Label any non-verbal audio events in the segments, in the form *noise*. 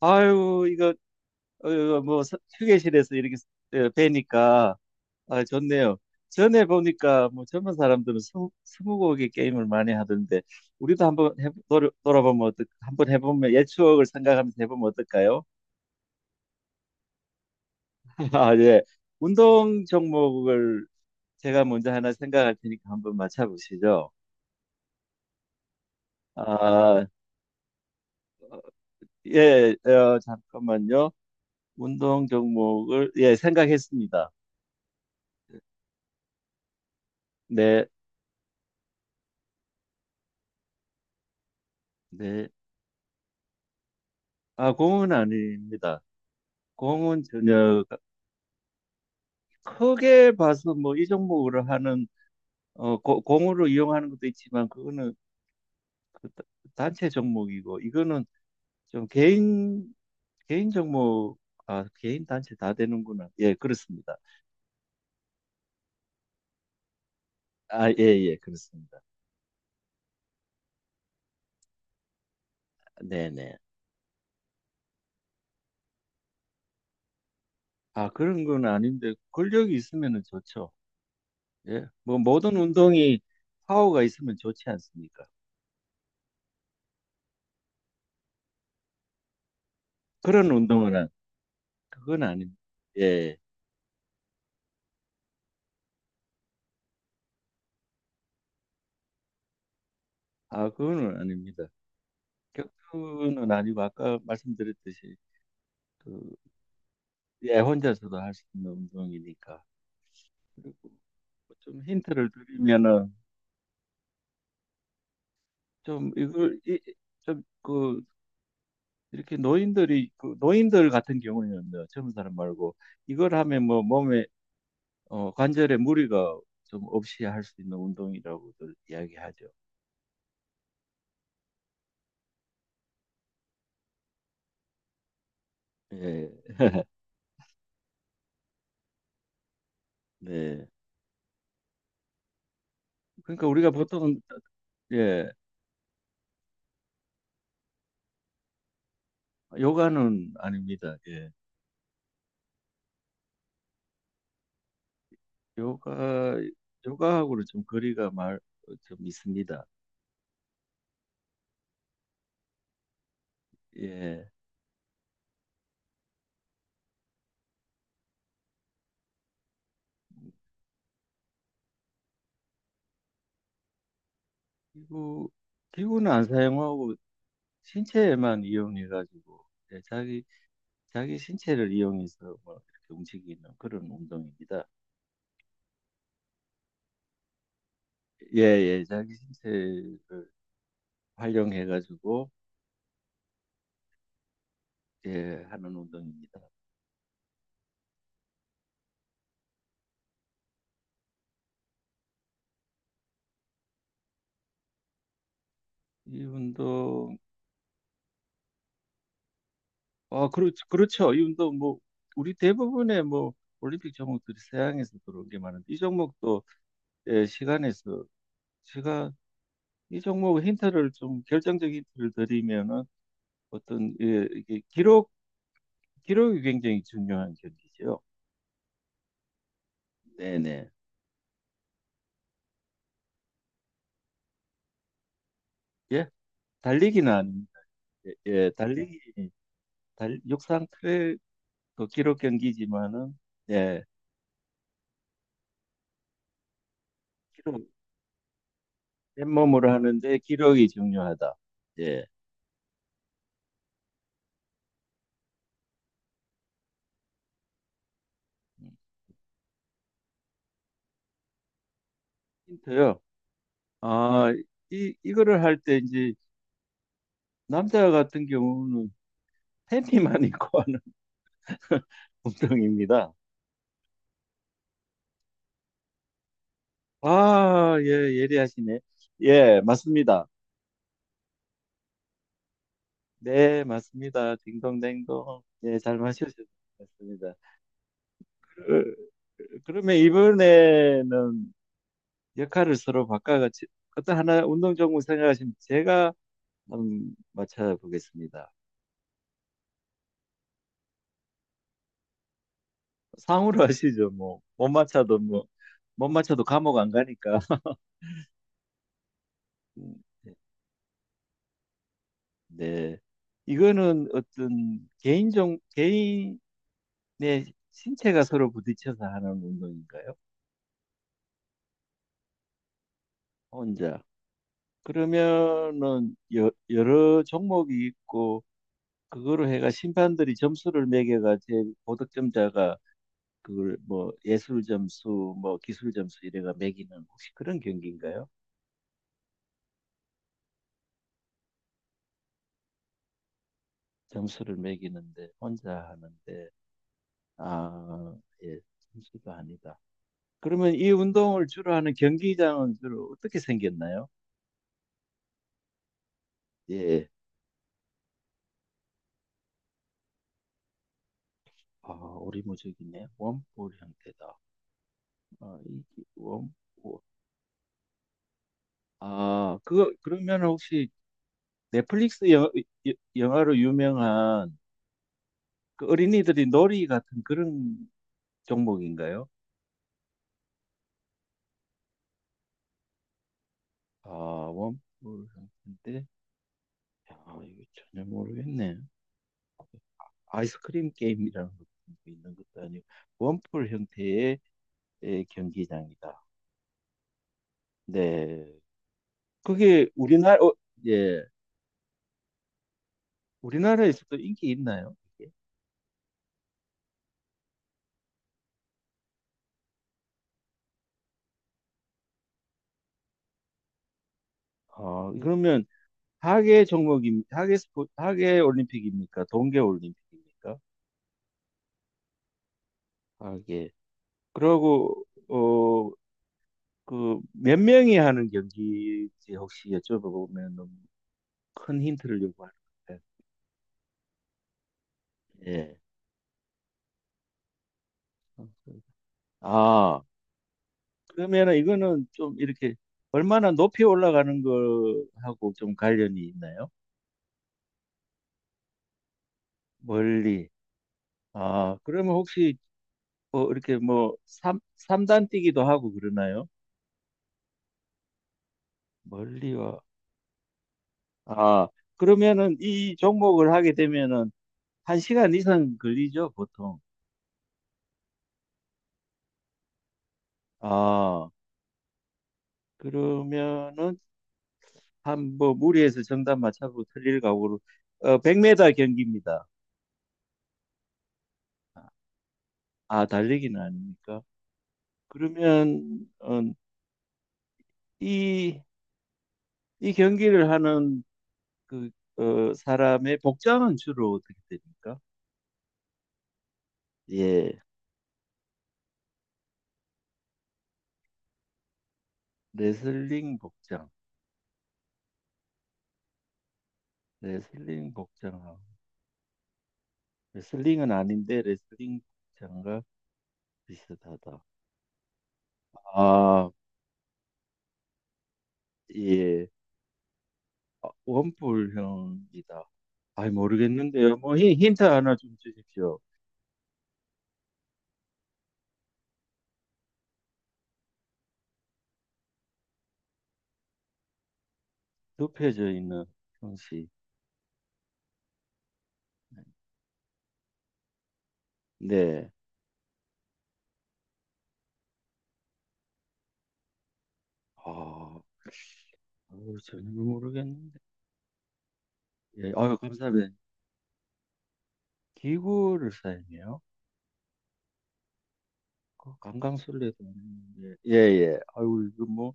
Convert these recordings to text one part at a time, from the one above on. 아유, 이거, 어, 뭐, 휴게실에서 이렇게 뵈니까, 아, 좋네요. 전에 보니까, 뭐, 젊은 사람들은 스무고개 게임을 많이 하던데, 우리도 돌아보면 한번 해보면, 옛 추억을 생각하면서 해보면 어떨까요? *laughs* 아, 예. 운동 종목을 제가 먼저 하나 생각할 테니까 한번 맞춰보시죠. 아, 예, 잠깐만요. 운동 종목을, 예, 생각했습니다. 네, 네. 아, 공은 아닙니다. 공은 전혀 크게 봐서 뭐 이 종목으로 하는 공으로 이용하는 것도 있지만 그거는 그 다- 단체 종목이고 이거는 좀 개인 종목. 아 개인 단체 다 되는구나. 예, 그렇습니다. 아, 예, 예, 그렇습니다. 네, 네. 아, 그런 건 아닌데 권력이 있으면은 좋죠. 예. 뭐 모든 운동이 파워가 있으면 좋지 않습니까? 그런 운동은 안- 그건 아닙니다. 예. 아, 그거는 아닙니다. 격투는 아니고 아까 말씀드렸듯이 그, 예, 혼자서도 할 수 있는 운동이니까. 그리고 뭐 좀 힌트를 드리면은 좀 이걸 좀 그 이렇게 노인들이 그 노인들 같은 경우에는 젊은 사람 말고 이걸 하면 뭐 몸에 관절에 무리가 좀 없이 할 수 있는 운동이라고들 이야기하죠. 예. *laughs* 네. 그러니까 우리가 보통, 예, 요가는 아닙니다. 예. 요가, 요가하고는 좀 거리가 좀 있습니다. 예. 기구, 기구는 안 사용하고 신체에만 이용해가지고, 예, 자기, 자기 신체를 이용해서 뭐 이렇게 움직이는 그런 운동입니다. 예, 예, 자기 신체를 활용해가지고, 예, 하는 운동입니다. 이 운동, 아, 그렇죠. 이 운동, 뭐, 우리 대부분의 뭐, 올림픽 종목들이 서양에서 들어온 게 많은데, 이 종목도, 예, 시간에서 제가 이 종목 힌트를 좀 결정적인 힌트를 드리면은 어떤, 예, 이게 기록이 굉장히 중요한 경기죠. 네네. 예, 달리기는 아닙니다. 예, 예, 달리기 달 육상 트랙 그 기록 경기지만은, 예, 기록, 맨몸으로 하는데 기록이 중요하다. 예, 음, 힌트요. 아, 이 이거를 할 때 이제 남자 같은 경우는 팬티만 *laughs* 입고 하는 운동입니다. 아, 예, 예리하시네. 예, 맞습니다. 네, 맞습니다. 딩동댕동. 예, 잘 맞추셨습니다. 그, 그러면 이번에는 역할을 서로 바꿔가지고 어떤 하나 운동 종목 생각하시면 제가 한번 맞춰보겠습니다. 상으로 *laughs* 하시죠. 뭐, 못 맞춰도 뭐, 못 맞춰도 감옥 안 가니까. *laughs* 음, 네. 이거는 어떤 개인 개인의 신체가 서로 부딪혀서 하는 운동인가요? 혼자. 그러면은 여러 종목이 있고 그거로 해가 심판들이 점수를 매겨가 제 고득점자가 그걸 뭐 예술 점수 뭐 기술 점수 이래가 매기는 혹시 그런 경기인가요? 점수를 매기는데 혼자 하는데, 아, 예, 점수가 아니다. 그러면 이 운동을 주로 하는 경기장은 주로 어떻게 생겼나요? 예. 아, 오리무중이네. 원볼 형태다. 아, 이게 원. 아, 그거 그러면 혹시 넷플릭스 영화로 유명한 그 어린이들이 놀이 같은 그런 종목인가요? 아, 원뿔 인데 야, 이거 전혀 모르겠네. 아이스크림 게임이라는 것도 있는 것도 아니고 원뿔 형태의, 예, 경기장이다. 네, 그게 우리나라 어, 예, 우리나라에서도 인기 있나요? 이게? 아, 그러면 하계 올림픽입니까? 동계 올림픽입니까? 하계. 그러고 어 그 몇 명이 하는 경기인지 혹시 여쭤보면 너무 큰 힌트를 요구하는 것 예. 같아요. 예. 아, 그러면은 이거는 좀 이렇게 얼마나 높이 올라가는 거하고 좀 관련이 있나요? 멀리. 아, 그러면 혹시 뭐 이렇게 뭐 삼단 뛰기도 하고 그러나요? 멀리와. 아, 그러면은 이 종목을 하게 되면은 한시간 이상 걸리죠, 보통. 아, 그러면은 한뭐 무리해서 정답 맞춰보고 틀릴 각오로, 어, 100m 경기입니다. 아 달리기는 아닙니까? 그러면 어, 이, 이 경기를 하는 그 어, 사람의 복장은 주로 어떻게 됩니까? 예, 레슬링 복장, 레슬링 복장하고 레슬링은 아닌데 레슬링 복장과 비슷하다. 아 예, 아, 원뿔형이다. 아이 모르겠는데요. 뭐 힌트 하나 좀 주십시오. 눕혀져 있는 형식. 네. 아, 아유, 전혀 모르겠는데. 예, 아유, 감사합니다. 기구를 사용해요? 그 강강술래도 아닌데. 예, 예. 아유, 이거 뭐.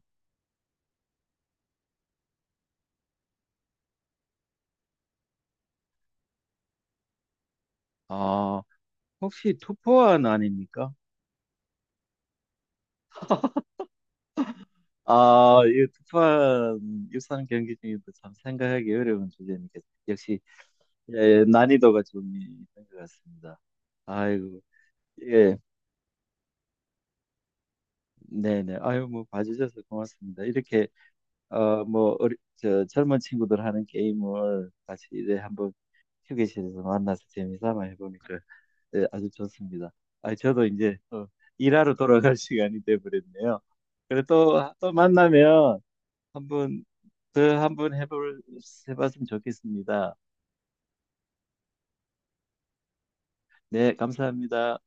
아, 혹시 투포환 아닙니까? 아, 이 투포환 유산 경기 중에도 참 생각하기 어려운 주제니까 역시, 예, 난이도가 좀 있는 것 같습니다. 아이고, 예. 네네. 아유, 뭐, 봐주셔서 고맙습니다. 이렇게, 어, 뭐, 젊은 친구들 하는 게임을 같이 이래 한번 휴게실에서 만나서 재미삼아 해보니까, 예, 아주 좋습니다. 아, 저도 이제 또 일하러 돌아갈 *laughs* 시간이 돼버렸네요. 그래 또, 또 만나면 한번 더 한번 해봤으면 좋겠습니다. 네, 감사합니다.